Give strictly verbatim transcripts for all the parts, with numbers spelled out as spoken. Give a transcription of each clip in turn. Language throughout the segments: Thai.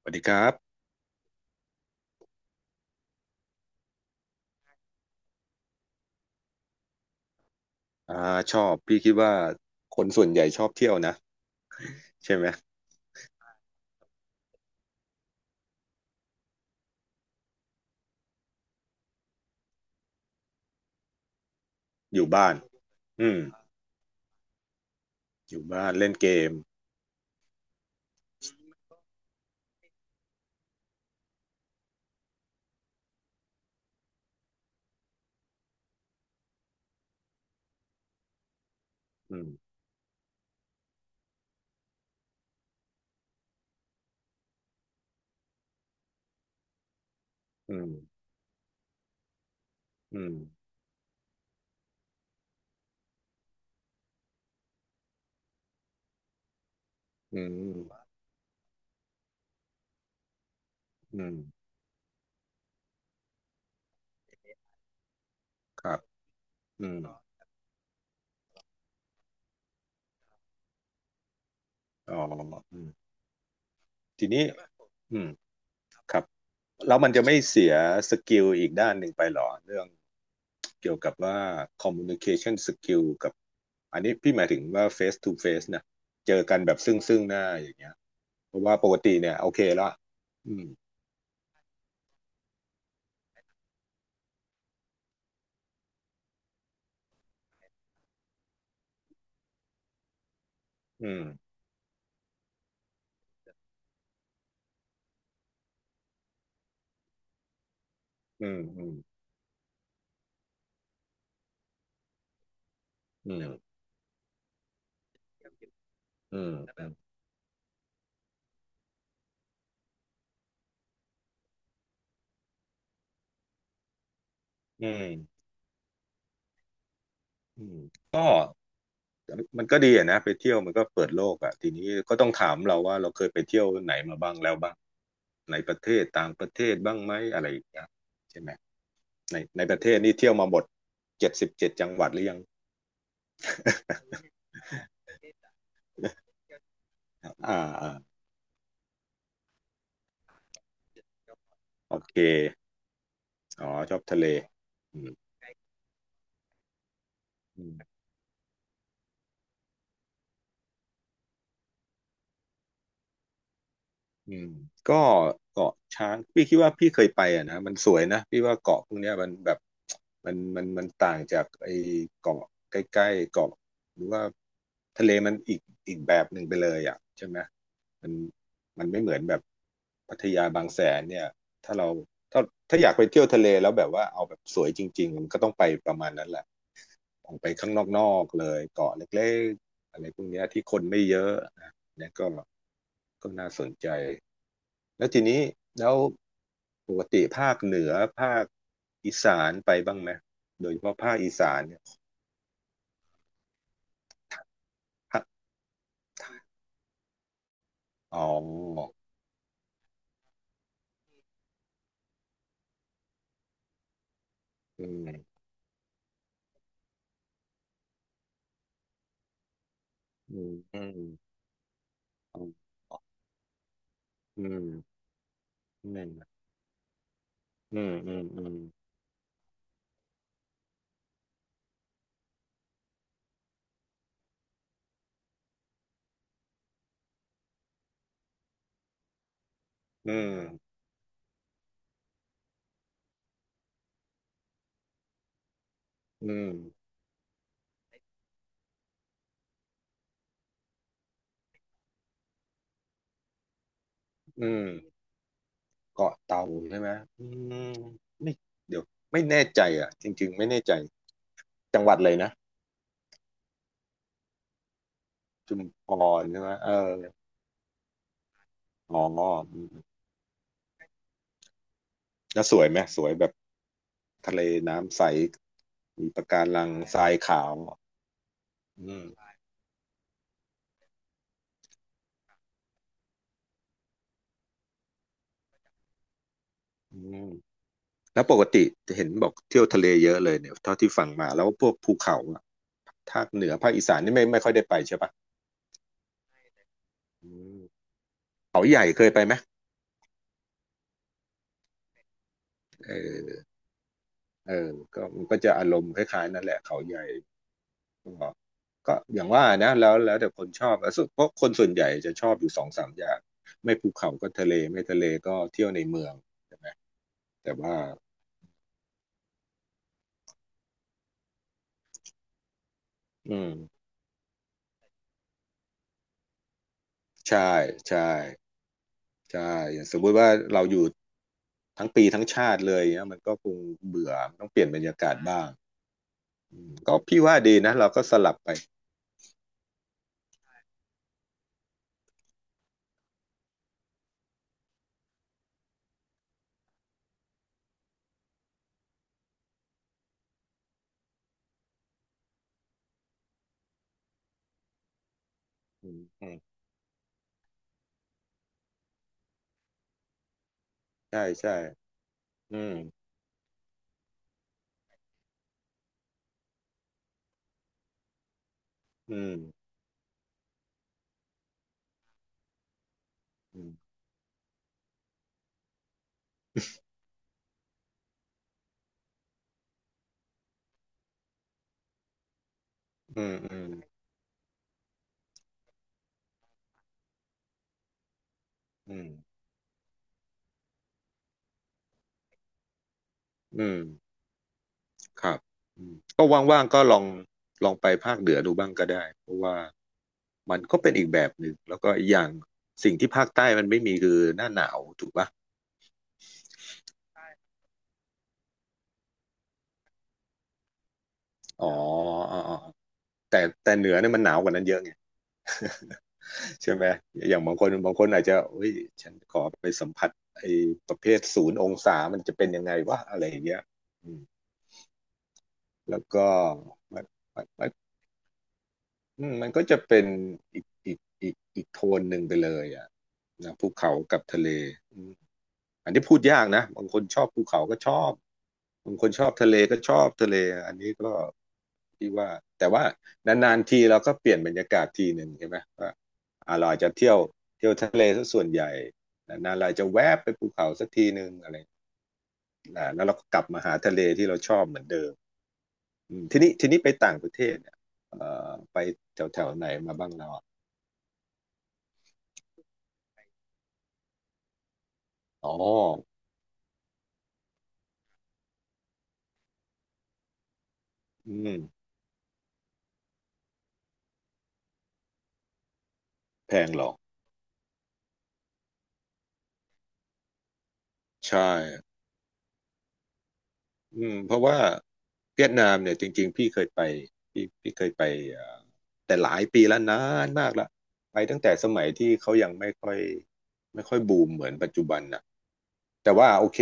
สวัสดีครับอ่าชอบพี่คิดว่าคนส่วนใหญ่ชอบเที่ยวนะใช่ไหมอยู่บ้านอืมอยู่บ้านเล่นเกมอืมอืมอืมอืมอืมครับอืมอ๋ออืมทีนี้อืมครับแล้วมันจะไม่เสียสกิลอีกด้านหนึ่งไปหรอเรื่องเกี่ยวกับว่า communication skill กับอันนี้พี่หมายถึงว่า face to face นะเจอกันแบบซึ่งซึ่งหน้าอย่างเงี้ยเพราะว่าปกติเนี่ยโอเคละอืมอืมอืมอืม อืมอืมแต่แบบอืมอืมก็มันก็ดีอะนะไปเที่ยวมันก็เปิดโลกอ่ะทีนี้ก็ต้องถามเราว่าเราเคยไปเที่ยวไหนมาบ้างแล้วบ้างในประเทศต่างประเทศบ้างไหมอะไรอย่างเงี้ยใช่ไหมในในประเทศนี่เที่ยวมาหมดเจ็ดสิบเจ็ดจังหวัดหรือยังอ่าอ่าโอเคอ๋อชอบทะเลอืม อืมก็เกาะช้างพี่คิดว่าพี่เคยไปอ่ะนะมันสวยนะพี่ว่าเกาะพวกเนี้ยมันแบบมันมันมันต่างจากไอ้เกาะใกล้ๆเกาะหรือว่าทะเลมันอีกอีกแบบหนึ่งไปเลยอ่ะใช่ไหมมันมันไม่เหมือนแบบพัทยาบางแสนเนี่ยถ้าเราถ้าถ้าอยากไปเที่ยวทะเลแล้วแบบว่าเอาแบบสวยจริงๆมันก็ต้องไปประมาณนั้นแหละออกไปข้างนอกๆเลยเกาะเล็กๆอะไรพวกเนี้ยที่คนไม่เยอะนะเนี่ยก็ก็น่าสนใจ แล้วทีนี้แล้วปกติภาคเหนือภาคอีสานไปบ้างไหมโดยเฉพาะภาคอีสานเนี่ยภาคอ๋ออืมอืมอืมอืมอืมอืมอืมอืมอืมอืมอืมเกาะเต่าใช่ไหมอืมไม่เดี๋ยวไม่แน่ใจอ่ะจริงๆไม่แน่ใจจังหวัดเลยนะชุมพรใช่ไหมเอออ๋ออืมแล้วสวยไหมสวยแบบ ทะเลน้ำใสมีปะการังทรายขาวอืมอืมแล้วปกติจะเห็นบอกเที่ยวทะเลเยอะเลยเนี่ยเท่าที่ฟังมาแล้วพวกภูเขาอะภาคเหนือภาคอีสานนี่ไม่ไม่ค่อยได้ไปใช่ปะอืมเขาใหญ่เคยไปไหมเออเออก็มันก็จะอารมณ์คล้ายๆนั่นแหละเขาใหญ่ก็ก็อย่างว่านะแล้วแล้วแต่คนชอบแล้วสุดเพราะคนส่วนใหญ่จะชอบอยู่สองสามอย่างไม่ภูเขาก็ทะเลไม่ทะเลก็เที่ยวในเมืองแต่ว่าอืมใช่ใช่ ใช่อย่างสมมุติว่าเราอยู่ทั้งปีทั้งชาติเลยเนี่ยมันก็คงเบื่อต้องเปลี่ยนบรรยากาศบ้างอืมก็พี่ว่าดีนะเราก็สลับไปอืมอืมใช่ใช่อืมอืมอืมอืมอืมอืมอืมครับอืมก็ว่างๆก็ลองลองไปภาคเหนือดูบ้างก็ได้เพราะว่ามันก็เป็นอีกแบบหนึ่งแล้วก็อีกอย่างสิ่งที่ภาคใต้มันไม่มีคือหน้าหนาวถูกปะอ๋ออ๋ออ๋อแต่แต่เหนือเนี่ยมันหนาวกว่านั้นเยอะไง ใช่ไหมอย่างบางคนบางคนอาจจะเฮ้ยฉันขอไปสัมผัสไอ้ประเภทศูนย์องศามันจะเป็นยังไงวะอะไรอย่างเงี้ยอืมแล้วก็มันมันมันอืมมันก็จะเป็นอีกอีกอีกอีกโทนหนึ่งไปเลยอ่ะนะภูเขากับทะเล อันนี้พูดยากนะบางคนชอบภูเขาก็ชอบบางคนชอบทะเลก็ชอบทะเลอันนี้ก็ที่ว่าแต่ว่านานๆทีเราก็เปลี่ยนบรรยากาศทีหนึ่งใช่ไหมว่าอ่าเราอาจจะเที่ยวเที่ยวทะเลซะส่วนใหญ่นานๆเราจะแวบไปภูเขาสักทีหนึ่งอะไรนะแล้วเราก็กลับมาหาทะเลที่เราชอบเหมือนเดิมอืมทีนี้ทีนี้ไปต่างประเทศเนี่ยเอ่อไปแถวๆไหนมาบ้างเราอะอ๋ออืมแพงเหรอใช่ อืมเพราะว่าเวียดนามเนี่ยจริงๆพี่เคยไปพี่พี่เคยไปเอ่อแต่หลายปีแล้วนานมากละไปตั้งแต่สมัยที่เขายังไม่ค่อยไม่ค่อยบูมเหมือนปัจจุบันน่ะแต่ว่าโอเค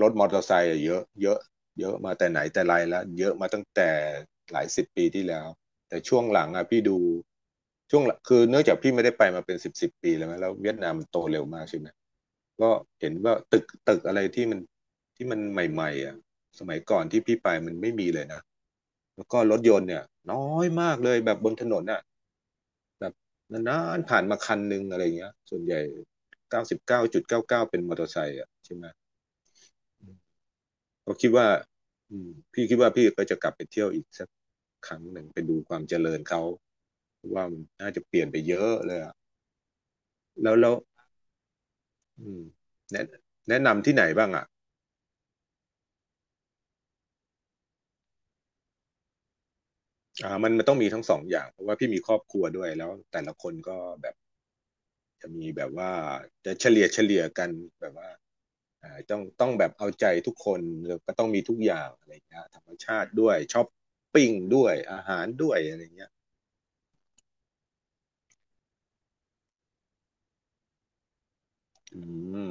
รถมอเตอร์ไซค์อะเยอะเยอะเยอะมาแต่ไหนแต่ไรแล้วเยอะมาตั้งแต่หลายสิบปีที่แล้วแต่ช่วงหลังอ่ะพี่ดูช่วงหลังคือเนื่องจากพี่ไม่ได้ไปมาเป็นสิบสิบปีแล้วมั้ยแล้วเวียดนามมันโตเร็วมากใช่ไหมก็เห็นว่าตึกตึกอะไรที่มันที่มันใหม่ๆอ่ะ สมัยก่อนที่พี่ไปมันไม่มีเลยนะแล้วก็รถยนต์เนี่ยน้อยมากเลยแบบบนถนนอ่ะแบบนานๆผ่านมาคันหนึ่งอะไรเงี้ยส่วนใหญ่เก้าสิบเก้าจุดเก้าเก้าเป็นมอเตอร์ไซค์อ่ะใช่ไหมก็คิดว่าอืมพี่คิดว่าพี่ก็จะกลับไปเที่ยวอีกสักครั้งหนึ่งไปดูความเจริญเขาเพราะว่ามันน่าจะเปลี่ยนไปเยอะเลยอ่ะแล้วแล้วอืมแนะแนะนำที่ไหนบ้างอ่ะอ่ามันมันต้องมีทั้งสองอย่างเพราะว่าพี่มีครอบครัวด้วยแล้วแต่ละคนก็แบบ จะมีแบบว่าจะเฉลี่ยเฉลี่ยกันแบบว่าเอ่อต้องต้องแบบเอาใจทุกคนแล้วก็ต้องมีทุกอย่างอะไรเงี้ยธรรมชาติด้วยช้อปปิ้งด้วยอาหารด้วยอะไรเงี้ยอืม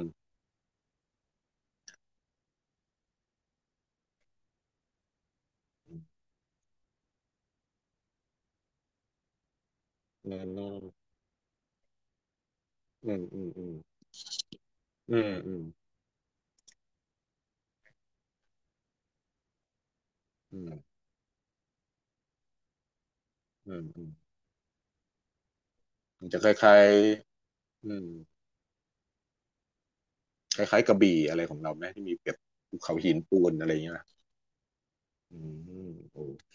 อืมอืมอืมอืมอืมอืมอืมอืมอืมมันจะคล้ายๆอืมคล้ายๆกระบี่อะไรของเราไหมที่มีแบบภูเขาหินปูนอะไรองเงี้ยอืมโอเค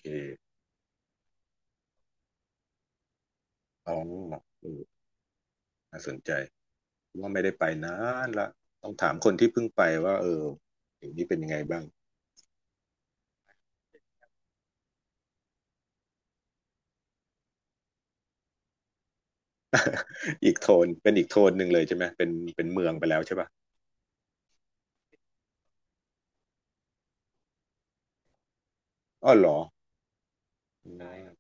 อ๋อเออน่าสนใจ ว่าไม่ได้ไปนานละต้องถามคนที่เพิ่งไปว่าเอออย่างนี้เป็นยังไงบ้าง อีกโทนเป็นอีกโทนหนึ่งเลยใช่ไหมเป็นเป็นเมืองไปแล้วใช่ป่ะอ้อเหรอใช่ครับ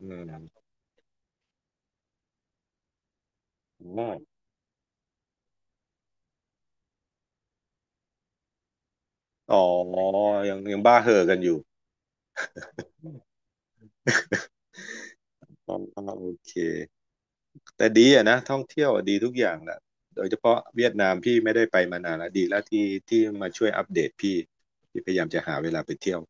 อืมอ๋ออ๋อยังยังบ้าเห่อกันอยู่ อ๋อโอเคแต่ดีอะนะท่องเที่ยวอะดีทุกอย่างแหละโดยเฉพาะเวียดนามพี่ไม่ได้ไปมานานแล้วดีแล้วที่ที่มาช่วยอัปเดตพี่พี่พยายามจะหาเวลาไปเที่ยว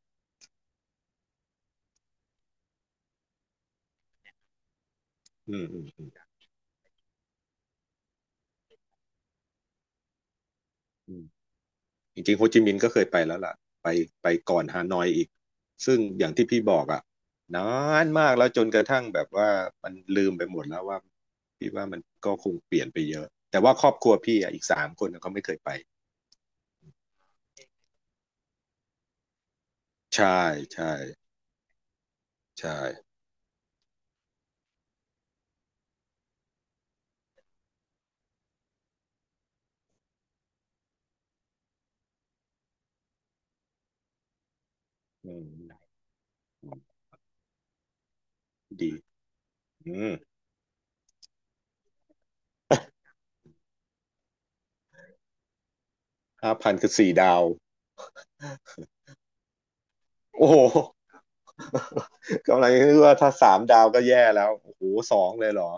อืมอืมอืม จริงๆโฮจิมินห์ก็เคยไปแล้วล่ะไปไปก่อนฮานอยอีกซึ่งอย่างที่พี่บอกอ่ะนานมากแล้วจนกระทั่งแบบว่ามันลืมไปหมดแล้วว่าพี่ว่ามันก็คงเปลี่ยนไปเยอะแต่ว่าครอบครัวพี่อ่ะอีกสามคนน่ะเขาไม่เคยไปใช่ใช่ใช่อืมดีอืมห้าพันคือสี่ดาวโอ้โห กำลังคิดว่าถ้าสามดาวก็แย่แล้วโอ้โหสองเลยเหรอ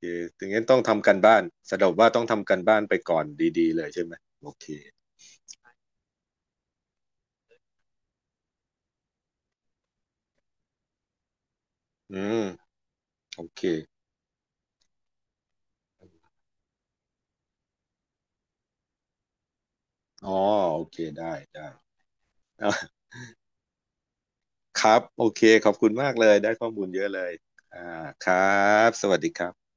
คือถึงงั้นต้องทำกันบ้านสรุปว่าต้องทำกันบ้านไปก่อนดีๆเลยใช่ไหม โอเคอืมโอเคอ๋อโอเค ได้ ได้ อ่ะครับ โอเค ขอบคุณมากเลย ได้ข้อมูลเยอะเลยอ่าครับ สวัสดีครับ